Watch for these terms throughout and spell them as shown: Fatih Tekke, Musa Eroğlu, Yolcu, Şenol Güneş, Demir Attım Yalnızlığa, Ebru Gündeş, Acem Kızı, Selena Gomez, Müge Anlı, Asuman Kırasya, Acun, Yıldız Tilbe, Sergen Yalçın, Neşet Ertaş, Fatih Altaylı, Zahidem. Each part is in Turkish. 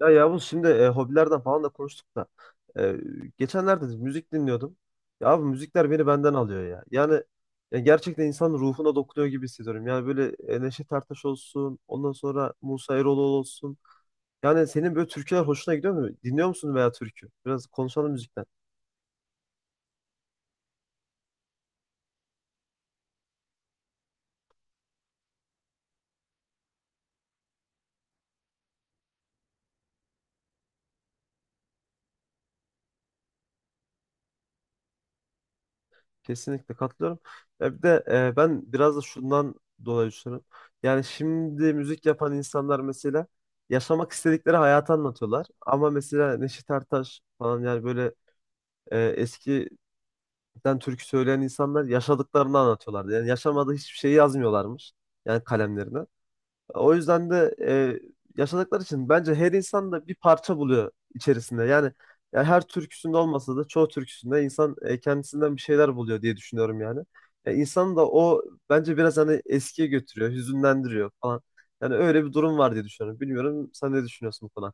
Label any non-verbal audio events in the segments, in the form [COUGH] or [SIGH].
Ya Yavuz şimdi hobilerden falan da konuştuk da e, geçenlerde de müzik dinliyordum. Ya abi müzikler beni benden alıyor ya. Yani ya gerçekten insanın ruhuna dokunuyor gibi hissediyorum. Yani böyle Neşet Ertaş olsun, ondan sonra Musa Eroğlu olsun. Yani senin böyle türküler hoşuna gidiyor mu? Dinliyor musun veya türkü? Biraz konuşalım müzikten. Kesinlikle katılıyorum. Ya bir de ben biraz da şundan dolayı düşünüyorum. Yani şimdi müzik yapan insanlar mesela yaşamak istedikleri hayatı anlatıyorlar. Ama mesela Neşet Ertaş falan yani böyle eskiden türkü söyleyen insanlar yaşadıklarını anlatıyorlardı. Yani yaşamadığı hiçbir şeyi yazmıyorlarmış. Yani kalemlerine. O yüzden de yaşadıkları için bence her insan da bir parça buluyor içerisinde. Yani, yani her türküsünde olmasa da çoğu türküsünde insan kendisinden bir şeyler buluyor diye düşünüyorum yani. İnsanı da o bence biraz hani eskiye götürüyor, hüzünlendiriyor falan. Yani öyle bir durum var diye düşünüyorum. Bilmiyorum sen ne düşünüyorsun bu konu.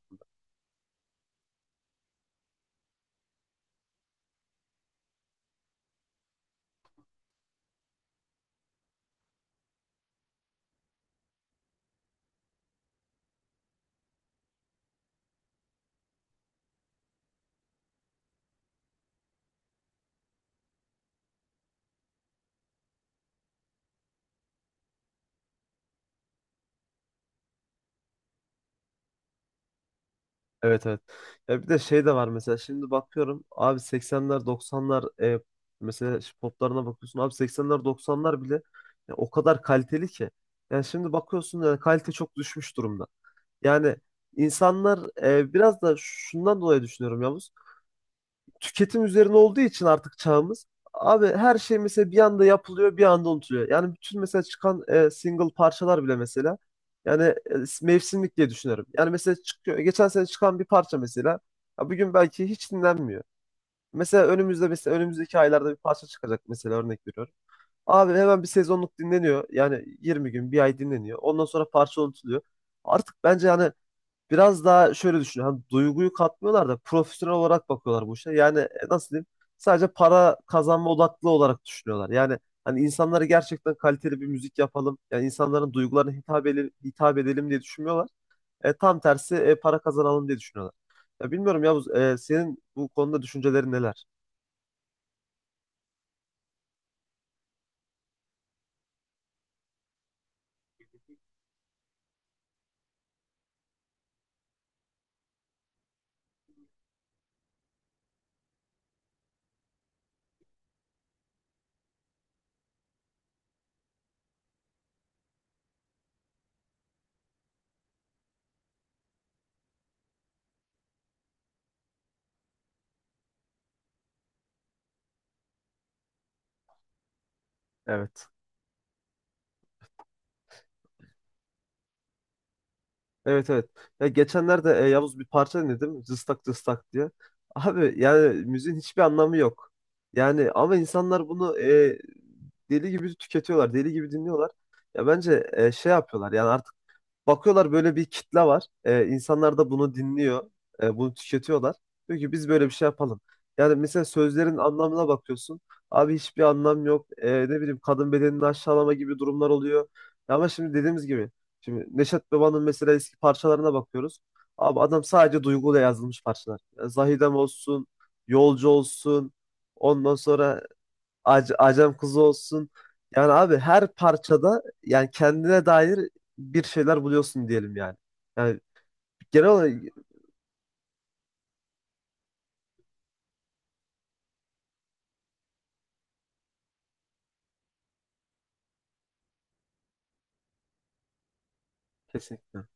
Evet, evet. Ya bir de şey de var mesela şimdi bakıyorum abi 80'ler 90'lar mesela şu poplarına bakıyorsun abi 80'ler 90'lar bile ya o kadar kaliteli ki. Yani şimdi bakıyorsun yani kalite çok düşmüş durumda. Yani insanlar biraz da şundan dolayı düşünüyorum ya tüketim üzerine olduğu için artık çağımız abi her şey mesela bir anda yapılıyor bir anda unutuluyor. Yani bütün mesela çıkan single parçalar bile mesela yani mevsimlik diye düşünüyorum. Yani mesela çıkıyor geçen sene çıkan bir parça mesela ya bugün belki hiç dinlenmiyor. Mesela önümüzde önümüzdeki aylarda bir parça çıkacak mesela örnek veriyorum. Abi hemen bir sezonluk dinleniyor. Yani 20 gün, bir ay dinleniyor. Ondan sonra parça unutuluyor. Artık bence yani biraz daha şöyle düşün. Hani duyguyu katmıyorlar da profesyonel olarak bakıyorlar bu işe. Yani nasıl diyeyim? Sadece para kazanma odaklı olarak düşünüyorlar. Yani hani insanlara gerçekten kaliteli bir müzik yapalım. Yani insanların duygularına hitap edelim, hitap edelim diye düşünmüyorlar. Tam tersi para kazanalım diye düşünüyorlar. Ya bilmiyorum ya senin bu konuda düşüncelerin neler? Evet. Evet, evet. Ya geçenlerde Yavuz bir parça dinledim. Cıstak cıstak diye. Abi yani müziğin hiçbir anlamı yok. Yani ama insanlar bunu deli gibi tüketiyorlar. Deli gibi dinliyorlar. Ya bence şey yapıyorlar. Yani artık bakıyorlar böyle bir kitle var. İnsanlar da bunu dinliyor, bunu tüketiyorlar. Diyor ki biz böyle bir şey yapalım. Yani mesela sözlerin anlamına bakıyorsun. Abi hiçbir anlam yok. Ne bileyim kadın bedenini aşağılama gibi durumlar oluyor. Ya ama şimdi dediğimiz gibi. Şimdi Neşet Baba'nın mesela eski parçalarına bakıyoruz. Abi adam sadece duyguyla yazılmış parçalar. Yani Zahidem olsun, Yolcu olsun. Ondan sonra Acem Kızı olsun. Yani abi her parçada yani kendine dair bir şeyler buluyorsun diyelim yani. Yani genel olarak kesinlikle.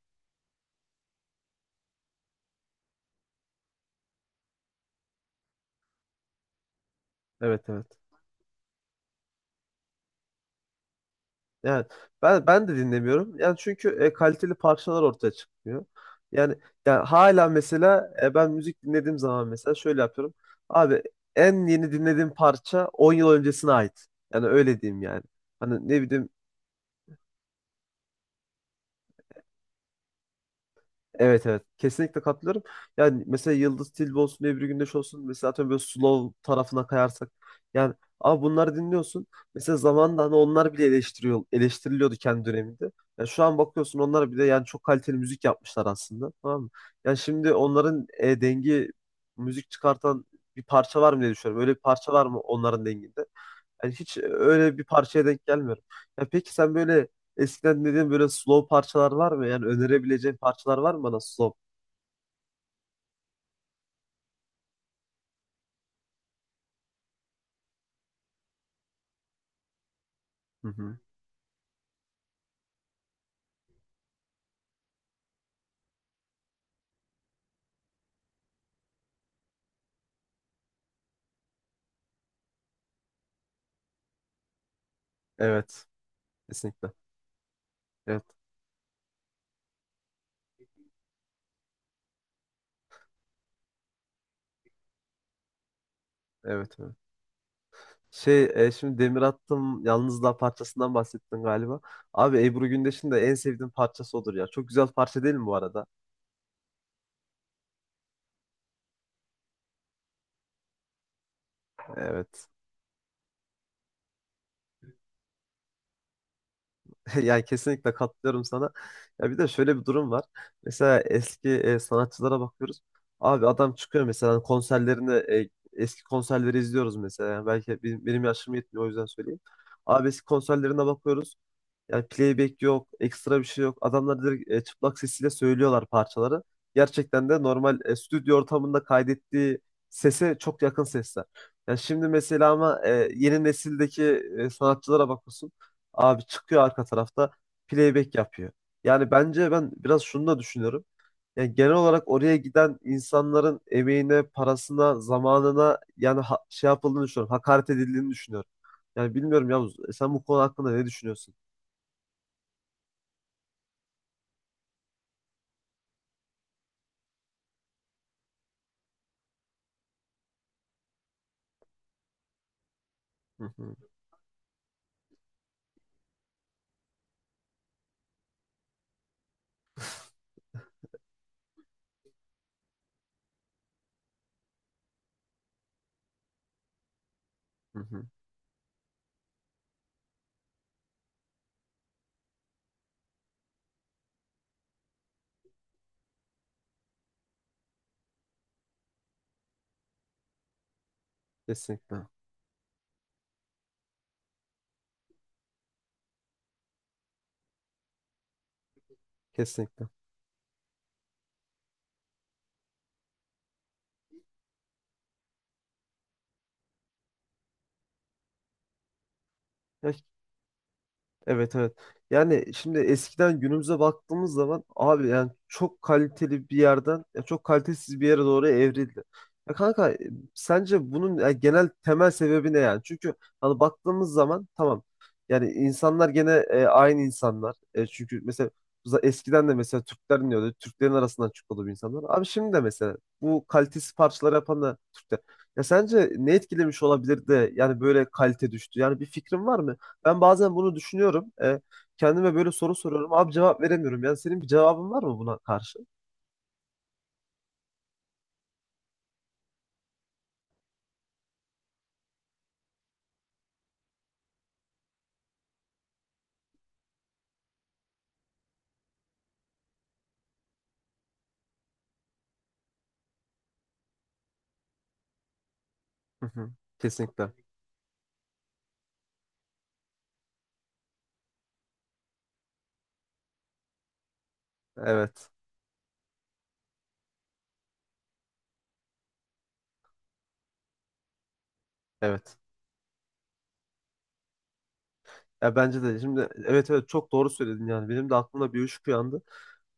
Evet, evet. Yani ben de dinlemiyorum. Yani çünkü kaliteli parçalar ortaya çıkmıyor. Yani yani hala mesela ben müzik dinlediğim zaman mesela şöyle yapıyorum. Abi en yeni dinlediğim parça 10 yıl öncesine ait. Yani öyle diyeyim yani. Hani ne bileyim evet, evet kesinlikle katılıyorum. Yani mesela Yıldız Tilbe olsun Ebru Gündeş olsun mesela atıyorum böyle slow tarafına kayarsak yani abi bunları dinliyorsun. Mesela zamanında hani onlar bile eleştiriliyordu kendi döneminde. Yani şu an bakıyorsun onlar bile yani çok kaliteli müzik yapmışlar aslında tamam mı? Yani şimdi onların dengi müzik çıkartan bir parça var mı diye düşünüyorum. Öyle bir parça var mı onların denginde? Yani hiç öyle bir parçaya denk gelmiyorum. Ya peki sen böyle eskiden dediğin böyle slow parçalar var mı? Yani önerebileceğin parçalar var mı bana slow? Hı hı. Evet. Kesinlikle. Evet. Evet. Evet. Şey şimdi Demir Attım Yalnızlığa parçasından bahsettin galiba. Abi Ebru Gündeş'in de en sevdiğim parçası odur ya. Çok güzel parça değil mi bu arada? Evet. [LAUGHS] Yani kesinlikle katılıyorum sana. Ya bir de şöyle bir durum var. Mesela eski sanatçılara bakıyoruz. Abi adam çıkıyor mesela hani konserlerini eski konserleri izliyoruz mesela. Yani belki benim yaşım yetmiyor o yüzden söyleyeyim. Abi eski konserlerine bakıyoruz. Yani playback yok, ekstra bir şey yok. Adamlar direkt çıplak sesiyle söylüyorlar parçaları. Gerçekten de normal stüdyo ortamında kaydettiği sese çok yakın sesler. Yani şimdi mesela ama yeni nesildeki sanatçılara bakıyorsun. Abi çıkıyor arka tarafta playback yapıyor. Yani bence ben biraz şunu da düşünüyorum. Yani genel olarak oraya giden insanların emeğine, parasına, zamanına yani şey yapıldığını düşünüyorum. Hakaret edildiğini düşünüyorum. Yani bilmiyorum Yavuz, sen bu konu hakkında ne düşünüyorsun? Hı hı. Hı hı. Kesinlikle. Kesinlikle. Ya evet, evet. Yani şimdi eskiden günümüze baktığımız zaman abi yani çok kaliteli bir yerden ya çok kalitesiz bir yere doğru evrildi. Ya kanka sence bunun ya genel temel sebebi ne yani? Çünkü hani baktığımız zaman tamam yani insanlar gene aynı insanlar. Çünkü mesela eskiden de mesela Türkler iniyordu. Türklerin arasından çıkıyordu bu insanlar. Abi şimdi de mesela bu kalitesiz parçalar yapan da Türkler. Ya sence ne etkilemiş olabilir de yani böyle kalite düştü? Yani bir fikrin var mı? Ben bazen bunu düşünüyorum. Kendime böyle soru soruyorum. Abi cevap veremiyorum. Yani senin bir cevabın var mı buna karşı? Hı hı. Kesinlikle. Evet. Evet. Ya bence de şimdi evet, evet çok doğru söyledin yani. Benim de aklımda bir ışık uyandı.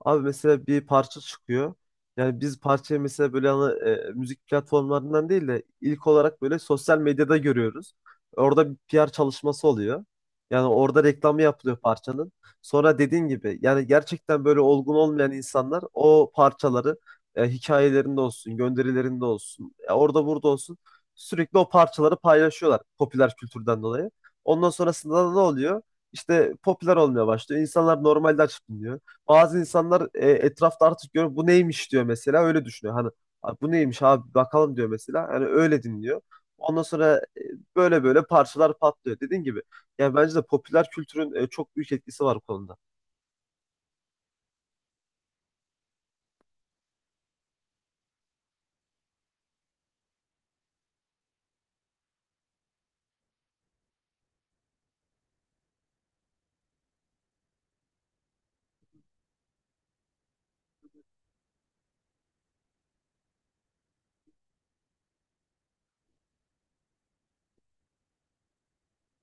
Abi mesela bir parça çıkıyor. Yani biz parçayı mesela böyle hani, müzik platformlarından değil de ilk olarak böyle sosyal medyada görüyoruz. Orada bir PR çalışması oluyor. Yani orada reklamı yapılıyor parçanın. Sonra dediğin gibi yani gerçekten böyle olgun olmayan insanlar o parçaları hikayelerinde olsun, gönderilerinde olsun, orada burada olsun sürekli o parçaları paylaşıyorlar popüler kültürden dolayı. Ondan sonrasında da ne oluyor? İşte popüler olmaya başlıyor. İnsanlar normalde açıp dinliyor. Bazı insanlar etrafta artık görüyor bu neymiş diyor mesela öyle düşünüyor. Hani "Abi bu neymiş abi bakalım" diyor mesela. Yani öyle dinliyor. Ondan sonra böyle böyle parçalar patlıyor. Dediğin gibi yani bence de popüler kültürün çok büyük etkisi var bu konuda.